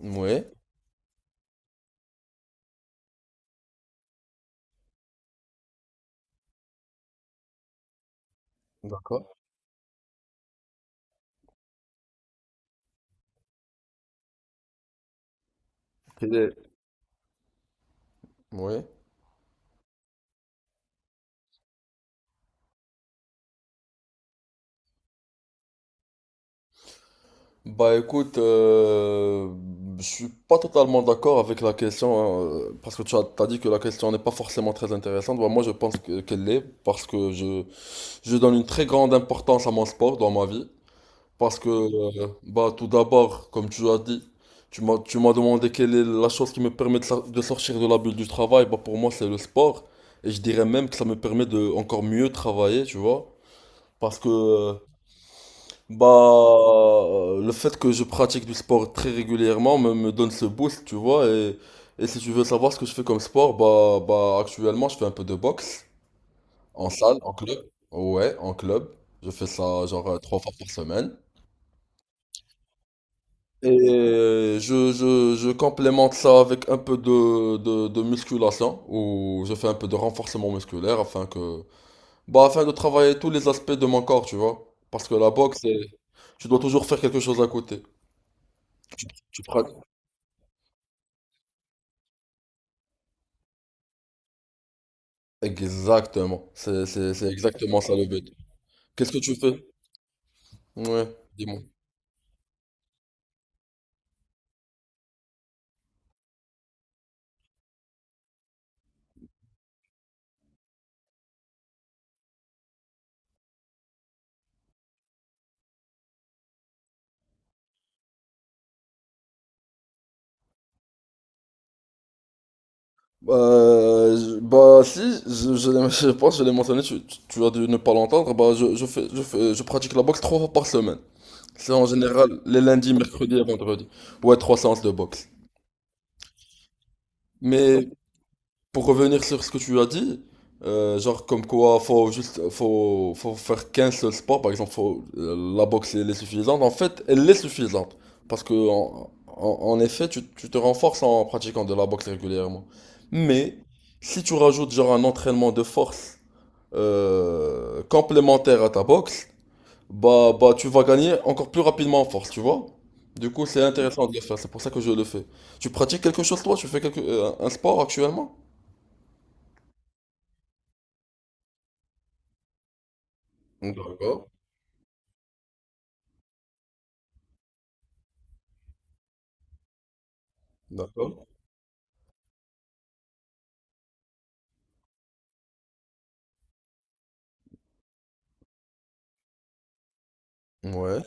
Ouais, d'accord. Et- ouais. Bah écoute, je suis pas totalement d'accord avec la question, hein, parce que t'as dit que la question n'est pas forcément très intéressante. Bah, moi je pense qu'elle l'est, parce que je donne une très grande importance à mon sport dans ma vie. Parce que, bah tout d'abord, comme tu as dit, tu m'as demandé quelle est la chose qui me permet de sortir de la bulle du travail. Bah pour moi c'est le sport, et je dirais même que ça me permet de encore mieux travailler, tu vois. Parce que le fait que je pratique du sport très régulièrement me donne ce boost, tu vois. Et si tu veux savoir ce que je fais comme sport, actuellement, je fais un peu de boxe en salle, en club. Ouais, en club. Je fais ça genre 3 fois par semaine. Et je complémente ça avec un peu de musculation, où je fais un peu de renforcement musculaire afin que, bah, afin de travailler tous les aspects de mon corps, tu vois. Parce que la boxe, tu dois toujours faire quelque chose à côté. Tu, tu pra- Exactement, c'est exactement ça le but. Qu'est-ce que tu fais? Ouais, dis-moi. Bah si, je pense que je l'ai mentionné, tu as dû ne pas l'entendre, bah je fais, je pratique la boxe 3 fois par semaine. C'est en général les lundis, mercredis et vendredis. Ouais, 3 séances de boxe. Mais pour revenir sur ce que tu as dit, genre comme quoi faut faire qu'un seul sport, par exemple faut, la boxe elle est suffisante, en fait elle est suffisante. Parce que en effet tu te renforces en pratiquant de la boxe régulièrement. Mais si tu rajoutes genre un entraînement de force complémentaire à ta boxe, bah tu vas gagner encore plus rapidement en force, tu vois? Du coup c'est intéressant de le faire, c'est pour ça que je le fais. Tu pratiques quelque chose toi? Tu fais quelque, un sport actuellement? D'accord. D'accord. Ouais,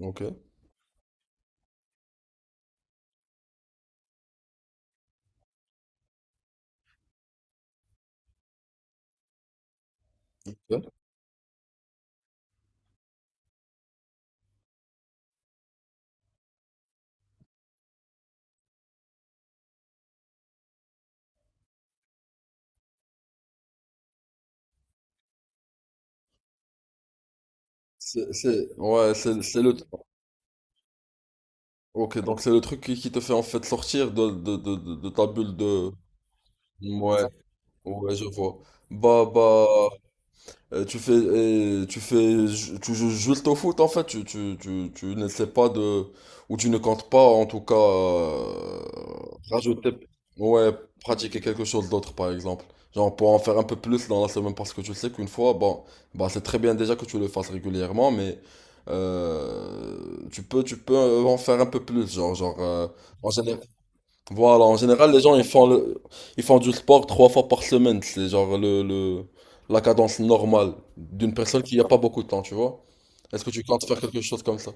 ok. Ok. Ouais, c'est le, ok, donc c'est le truc qui te fait en fait sortir de ta bulle de, ouais, ouais, je vois. Bah, bah, tu fais, et tu fais, tu joues juste au foot en fait, tu n'essaies pas de, ou tu ne comptes pas en tout cas rajouter, ouais, pratiquer quelque chose d'autre par exemple. Genre pour en faire un peu plus dans la semaine parce que tu sais qu'une fois, bon, bah c'est très bien déjà que tu le fasses régulièrement, mais tu peux en faire un peu plus, genre, genre, en général. Voilà, en général, les gens ils font le, ils font du sport 3 fois par semaine. C'est genre la cadence normale d'une personne qui n'a pas beaucoup de temps, tu vois. Est-ce que tu comptes faire quelque chose comme ça?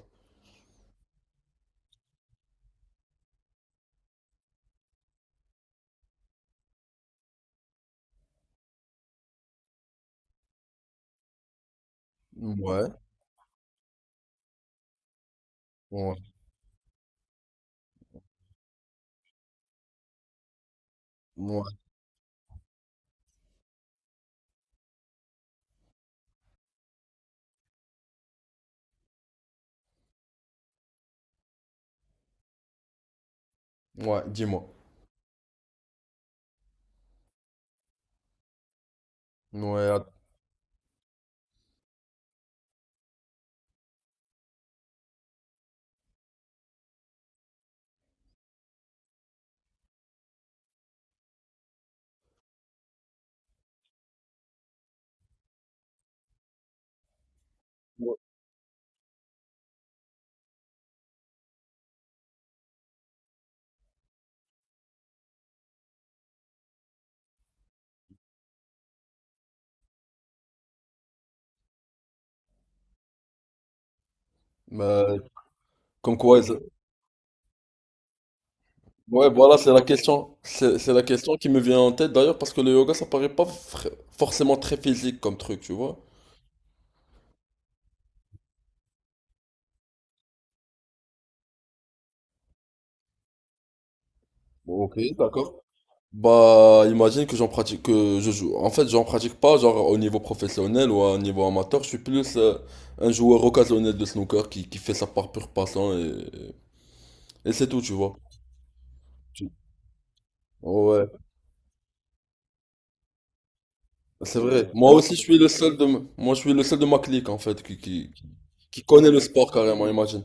Ouais, ouais, ouais, ouais, dis-moi. Ouais, euh, comme quoi, ouais, voilà, c'est la question. C'est la question qui me vient en tête d'ailleurs parce que le yoga ça paraît pas forcément très physique comme truc, tu vois. Ok, d'accord. Bah, imagine que j'en pratique, que je joue. En fait, j'en pratique pas, genre au niveau professionnel ou à un niveau amateur. Je suis plus un joueur occasionnel de snooker qui fait ça par pur passion et c'est tout, tu vois. Tu- Ouais, c'est vrai. Moi aussi, je suis le seul de, moi, je suis le seul de ma clique, en fait, qui connaît le sport carrément, imagine.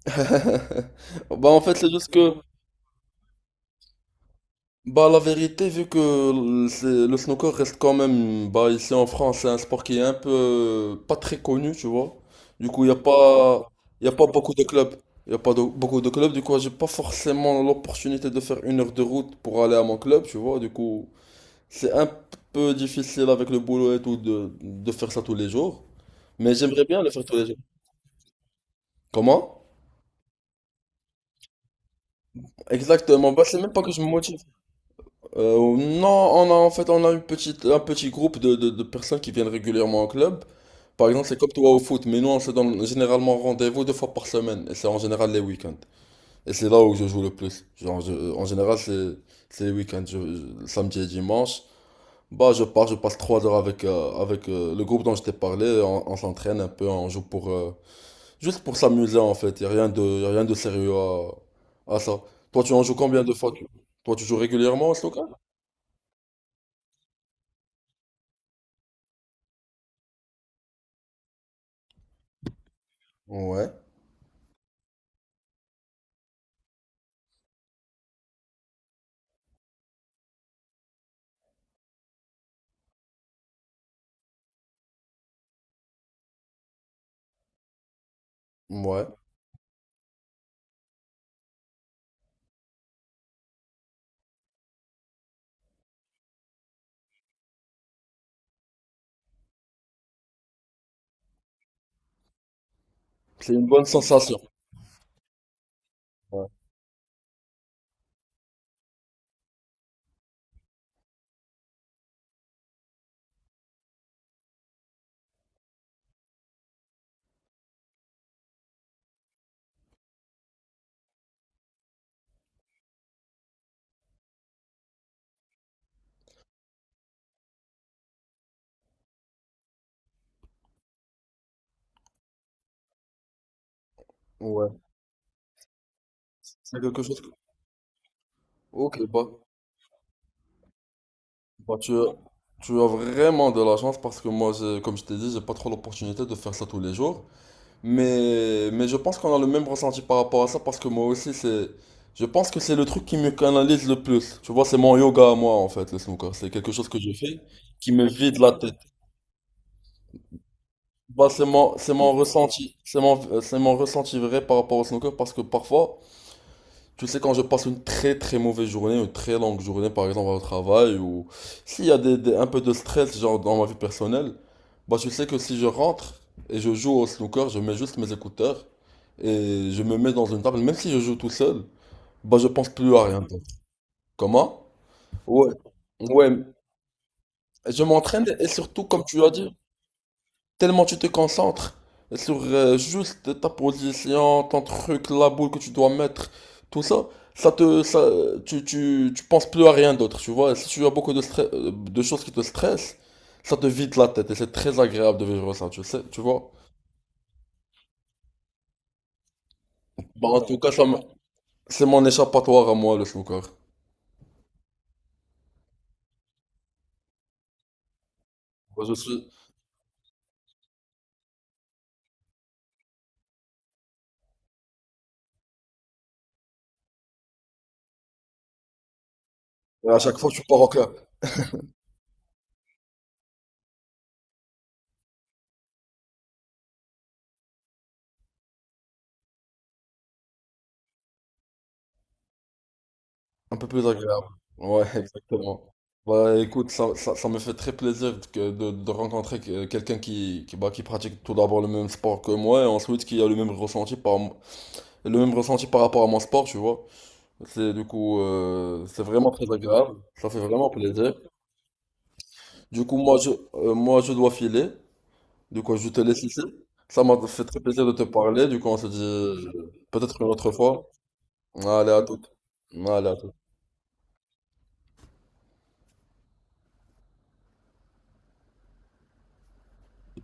Bah, en fait, c'est juste que, bah la vérité, vu que le snooker reste quand même, bah ici en France, c'est un sport qui est un peu pas très connu, tu vois. Du coup, il n'y a pas, y a pas beaucoup de clubs. Il a pas de- Beaucoup de clubs, du coup, j'ai pas forcément l'opportunité de faire 1 heure de route pour aller à mon club, tu vois. Du coup, c'est un peu difficile avec le boulot et tout de faire ça tous les jours. Mais j'aimerais bien le faire tous les jours. Comment? Exactement, bah c'est même pas que je me motive. Non, on a une petite, un petit groupe de personnes qui viennent régulièrement au club. Par exemple, c'est comme toi au foot, mais nous on se donne généralement rendez-vous 2 fois par semaine, et c'est en général les week-ends. Et c'est là où je joue le plus. Genre, en général, c'est les week-ends, samedi et dimanche. Bah, je pars, je passe 3 heures avec le groupe dont je t'ai parlé. On s'entraîne un peu, on joue pour juste pour s'amuser en fait. Y a rien de sérieux à ça. Toi, tu en joues combien de fois? Toi, tu joues régulièrement, Stoka? Ouais. Ouais, c'est une bonne sensation. Ouais. Ouais. C'est quelque chose que… Ok, bah, bah tu as, tu as vraiment de la chance parce que moi, comme je t'ai dit, j'ai pas trop l'opportunité de faire ça tous les jours. Mais je pense qu'on a le même ressenti par rapport à ça parce que moi aussi, c'est… Je pense que c'est le truc qui me canalise le plus. Tu vois, c'est mon yoga à moi, en fait, le snooker. C'est quelque chose que je fais qui me vide la tête. Bah, c'est mon ressenti. C'est mon ressenti vrai par rapport au snooker parce que parfois, tu sais, quand je passe une très très mauvaise journée, une très longue journée par exemple au travail, ou s'il y a un peu de stress genre dans ma vie personnelle, bah tu sais que si je rentre et je joue au snooker, je mets juste mes écouteurs et je me mets dans une table, même si je joue tout seul, bah je pense plus à rien. Comment? Ouais, je m'entraîne et surtout comme tu as dit, tellement tu te concentres sur juste ta position, ton truc, la boule que tu dois mettre, tout ça, ça te, ça, tu penses plus à rien d'autre, tu vois. Et si tu as beaucoup de stress, de choses qui te stressent, ça te vide la tête et c'est très agréable de vivre ça, tu sais, tu vois. Bah, en tout cas, c'est mon échappatoire à moi, le snooker. Moi, je suis, et à chaque fois, je pars au club. Un peu plus agréable. Ouais, exactement. Bah écoute, ça me fait très plaisir de, de rencontrer quelqu'un bah, qui pratique tout d'abord le même sport que moi et ensuite qui a le même ressenti par, le même ressenti par rapport à mon sport, tu vois. C'est du coup, c'est vraiment très agréable. Ça fait vraiment plaisir. Du coup, moi, je dois filer. Du coup, je te laisse ici. Ça m'a fait très plaisir de te parler. Du coup, on se dit peut-être une autre fois. Allez, à toute. Allez, à toute.